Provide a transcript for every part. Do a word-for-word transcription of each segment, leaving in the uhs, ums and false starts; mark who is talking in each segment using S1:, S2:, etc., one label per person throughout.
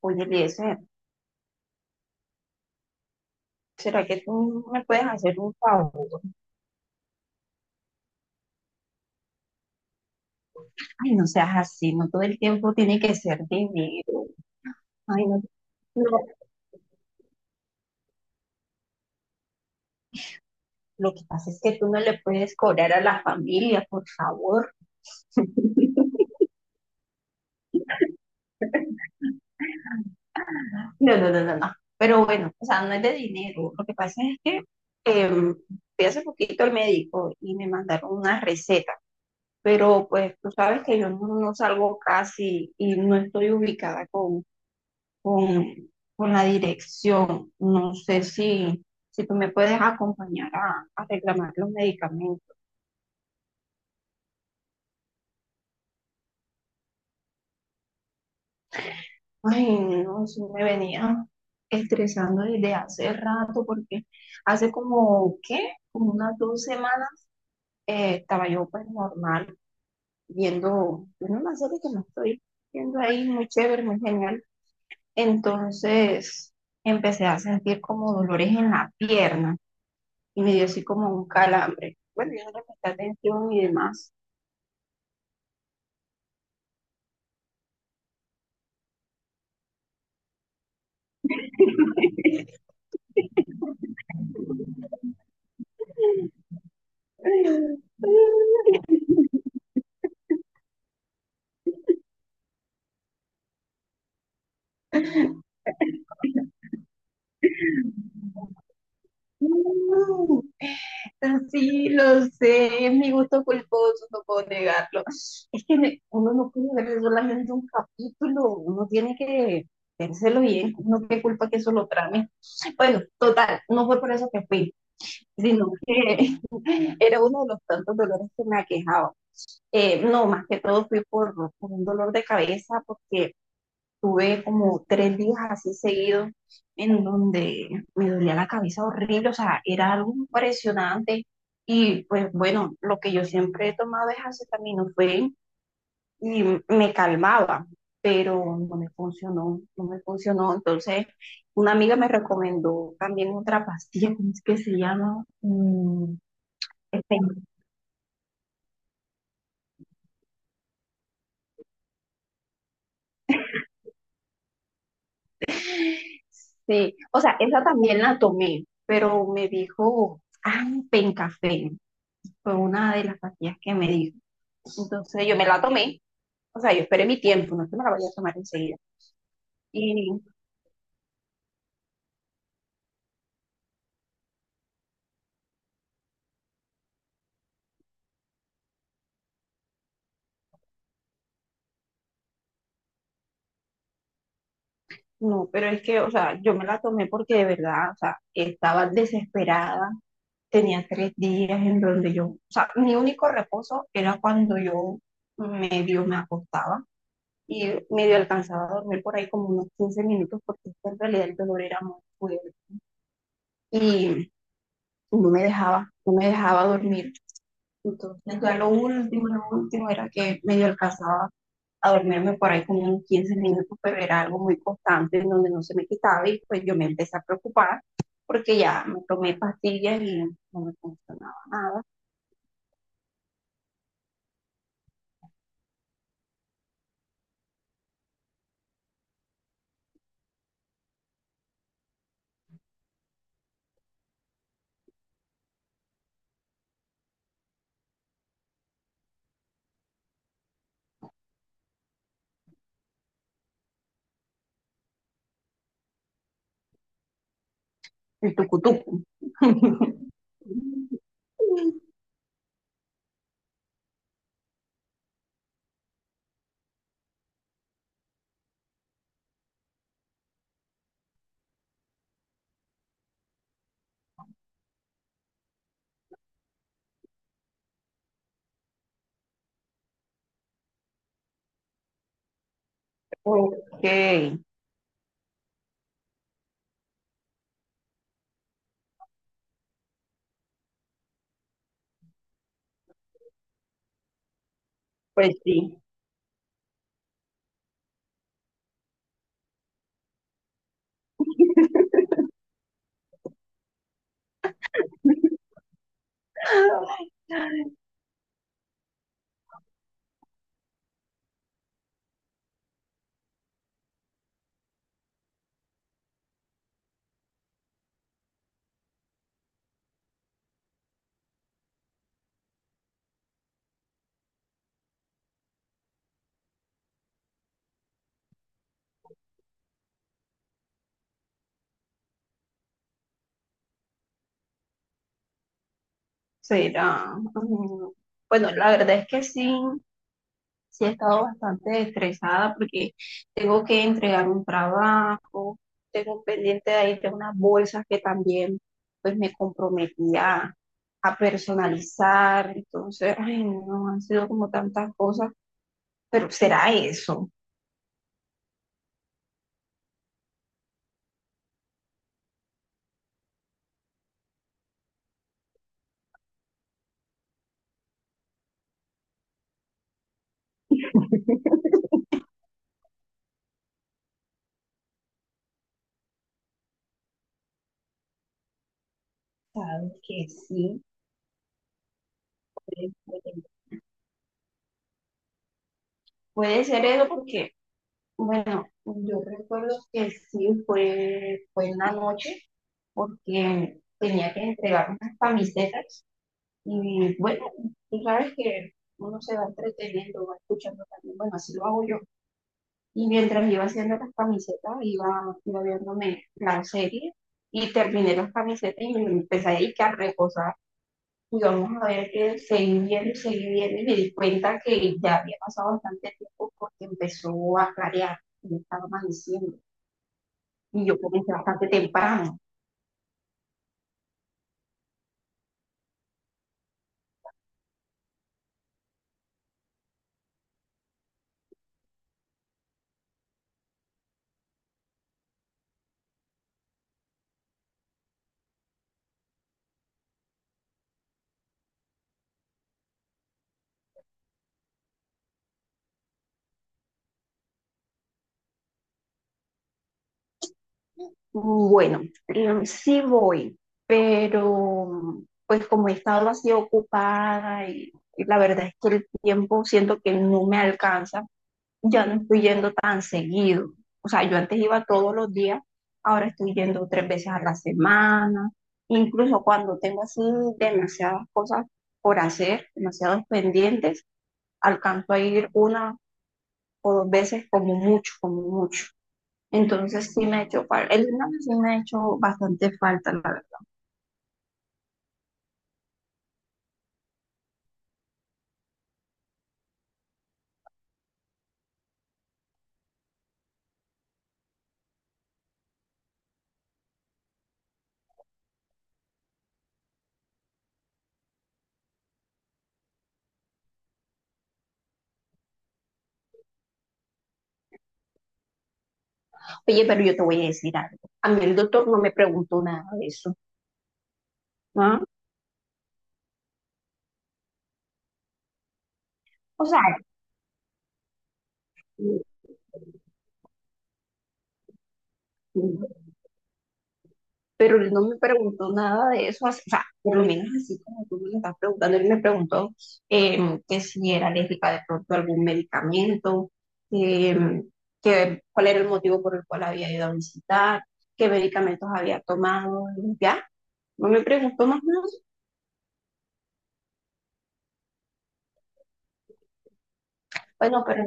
S1: Oye, Eliezer, ¿será que tú me puedes hacer un favor? Ay, no seas así, no todo el tiempo tiene que ser dinero. Ay, no, no, lo que pasa es que tú no le puedes cobrar a la familia, por favor. No, no, no, no, no. Pero bueno, o sea, no es de dinero. Lo que pasa es que em, fui hace poquito al médico y me mandaron una receta, pero pues tú sabes que yo no, no salgo casi y no estoy ubicada con con, con la dirección. No sé si, si tú me puedes acompañar a, a reclamar los medicamentos. Ay, no, eso me venía estresando desde hace rato porque hace como, ¿qué? Como unas dos semanas eh, estaba yo pues normal viendo, viendo una serie que me estoy viendo ahí muy chévere, muy genial. Entonces empecé a sentir como dolores en la pierna y me dio así como un calambre. Bueno, yo no le presté atención y demás. Sí, lo sé, es mi gusto culposo, no puedo negarlo. Es que me- uno no puede ver solamente un capítulo, uno tiene que vérselo bien, no qué culpa que eso lo trame. Bueno, total, no fue por eso que fui, sino que era uno de los tantos dolores que me aquejaba. Eh, no, más que todo fui por, por un dolor de cabeza, porque tuve como tres días así seguidos en donde me dolía la cabeza horrible, o sea, era algo impresionante. Y pues bueno, lo que yo siempre he tomado es acetaminofén y m- me calmaba, pero no me funcionó, no me funcionó. Entonces, una amiga me recomendó también otra pastilla, ¿cómo es que se llama? Mm, este, sí, o sea, esa también la tomé, pero me dijo, ah, pencafén, fue una de las pastillas que me dijo. Entonces yo me la tomé, o sea, yo esperé mi tiempo, no es que me la vaya a tomar enseguida. Y no, pero es que, o sea, yo me la tomé porque de verdad, o sea, estaba desesperada, tenía tres días en donde yo, o sea, mi único reposo era cuando yo medio me acostaba y medio alcanzaba a dormir por ahí como unos quince minutos porque es que en realidad el dolor era muy fuerte y no me dejaba, no me dejaba dormir. Entonces ya lo último, lo último era que medio alcanzaba a dormirme por ahí como unos quince minutos, pero era algo muy constante en donde no se me quitaba y pues yo me empecé a preocupar porque ya me tomé pastillas y no me funcionaba nada. El tucutucu. Ok, pues sí. Será. Mm, bueno, la verdad es que sí, sí, he estado bastante estresada porque tengo que entregar un trabajo, tengo pendiente de ahí de unas bolsas que también pues me comprometía a personalizar. Entonces, ay, no, han sido como tantas cosas, pero será eso. Sabes que sí, puede puede- puede ser eso porque, bueno, yo recuerdo que sí fue, fue en la noche porque tenía que entregar unas camisetas. Y bueno, tú sabes que uno se va entreteniendo, va escuchando también, bueno, así lo hago yo. Y mientras iba haciendo las camisetas, iba, iba viéndome la serie y terminé las camisetas y me empecé ahí que a reposar. Y vamos a ver que seguí viendo y seguí viendo y me di cuenta que ya había pasado bastante tiempo porque empezó a clarear y estaba amaneciendo. Y yo comencé bastante temprano. Bueno, em, sí voy, pero pues como he estado así ocupada y, y la verdad es que el tiempo siento que no me alcanza, ya no estoy yendo tan seguido. O sea, yo antes iba todos los días, ahora estoy yendo tres veces a la semana, incluso cuando tengo así demasiadas por hacer, demasiados pendientes, alcanzo a ir una o dos veces como mucho, como mucho. Entonces sí me ha hecho falta, el gimnasio sí me ha hecho bastante falta, la verdad. Oye, pero yo te voy a decir algo. A mí el doctor no me preguntó nada de eso. ¿Ah? O sea, pero él no me preguntó nada de eso, así- o sea, por lo menos así como tú me lo estás preguntando, él me preguntó em, que si era alérgica de pronto a algún medicamento, em, que cuál era el motivo por el cual había ido a visitar, qué medicamentos había tomado, y ya. No me preguntó más nada. Bueno, pero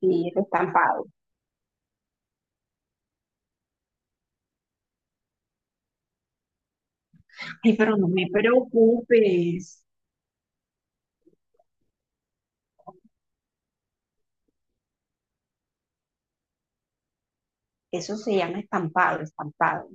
S1: sí, es estampado. Ay, pero no me preocupes. Eso se llama estampado, estampado.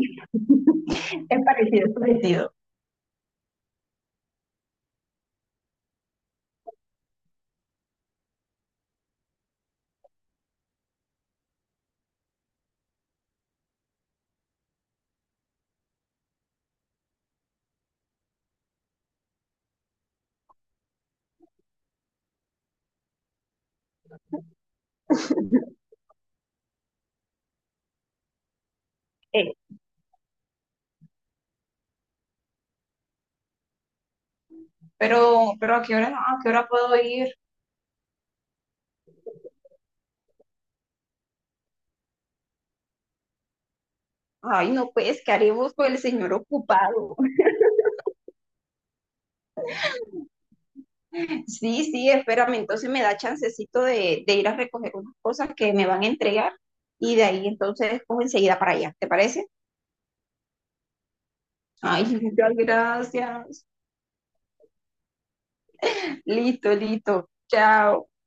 S1: Es parecido, es parecido. Eh, pero, pero ¿a qué hora, no?, ¿a qué hora puedo ir? Ay, no, pues, ¿qué haremos con el señor ocupado? Sí, sí, espérame, entonces me da chancecito de, de ir a recoger unas cosas que me van a entregar y de ahí entonces cojo enseguida para allá, ¿te parece? Ay, muchas gracias. Listo, listo. Chao.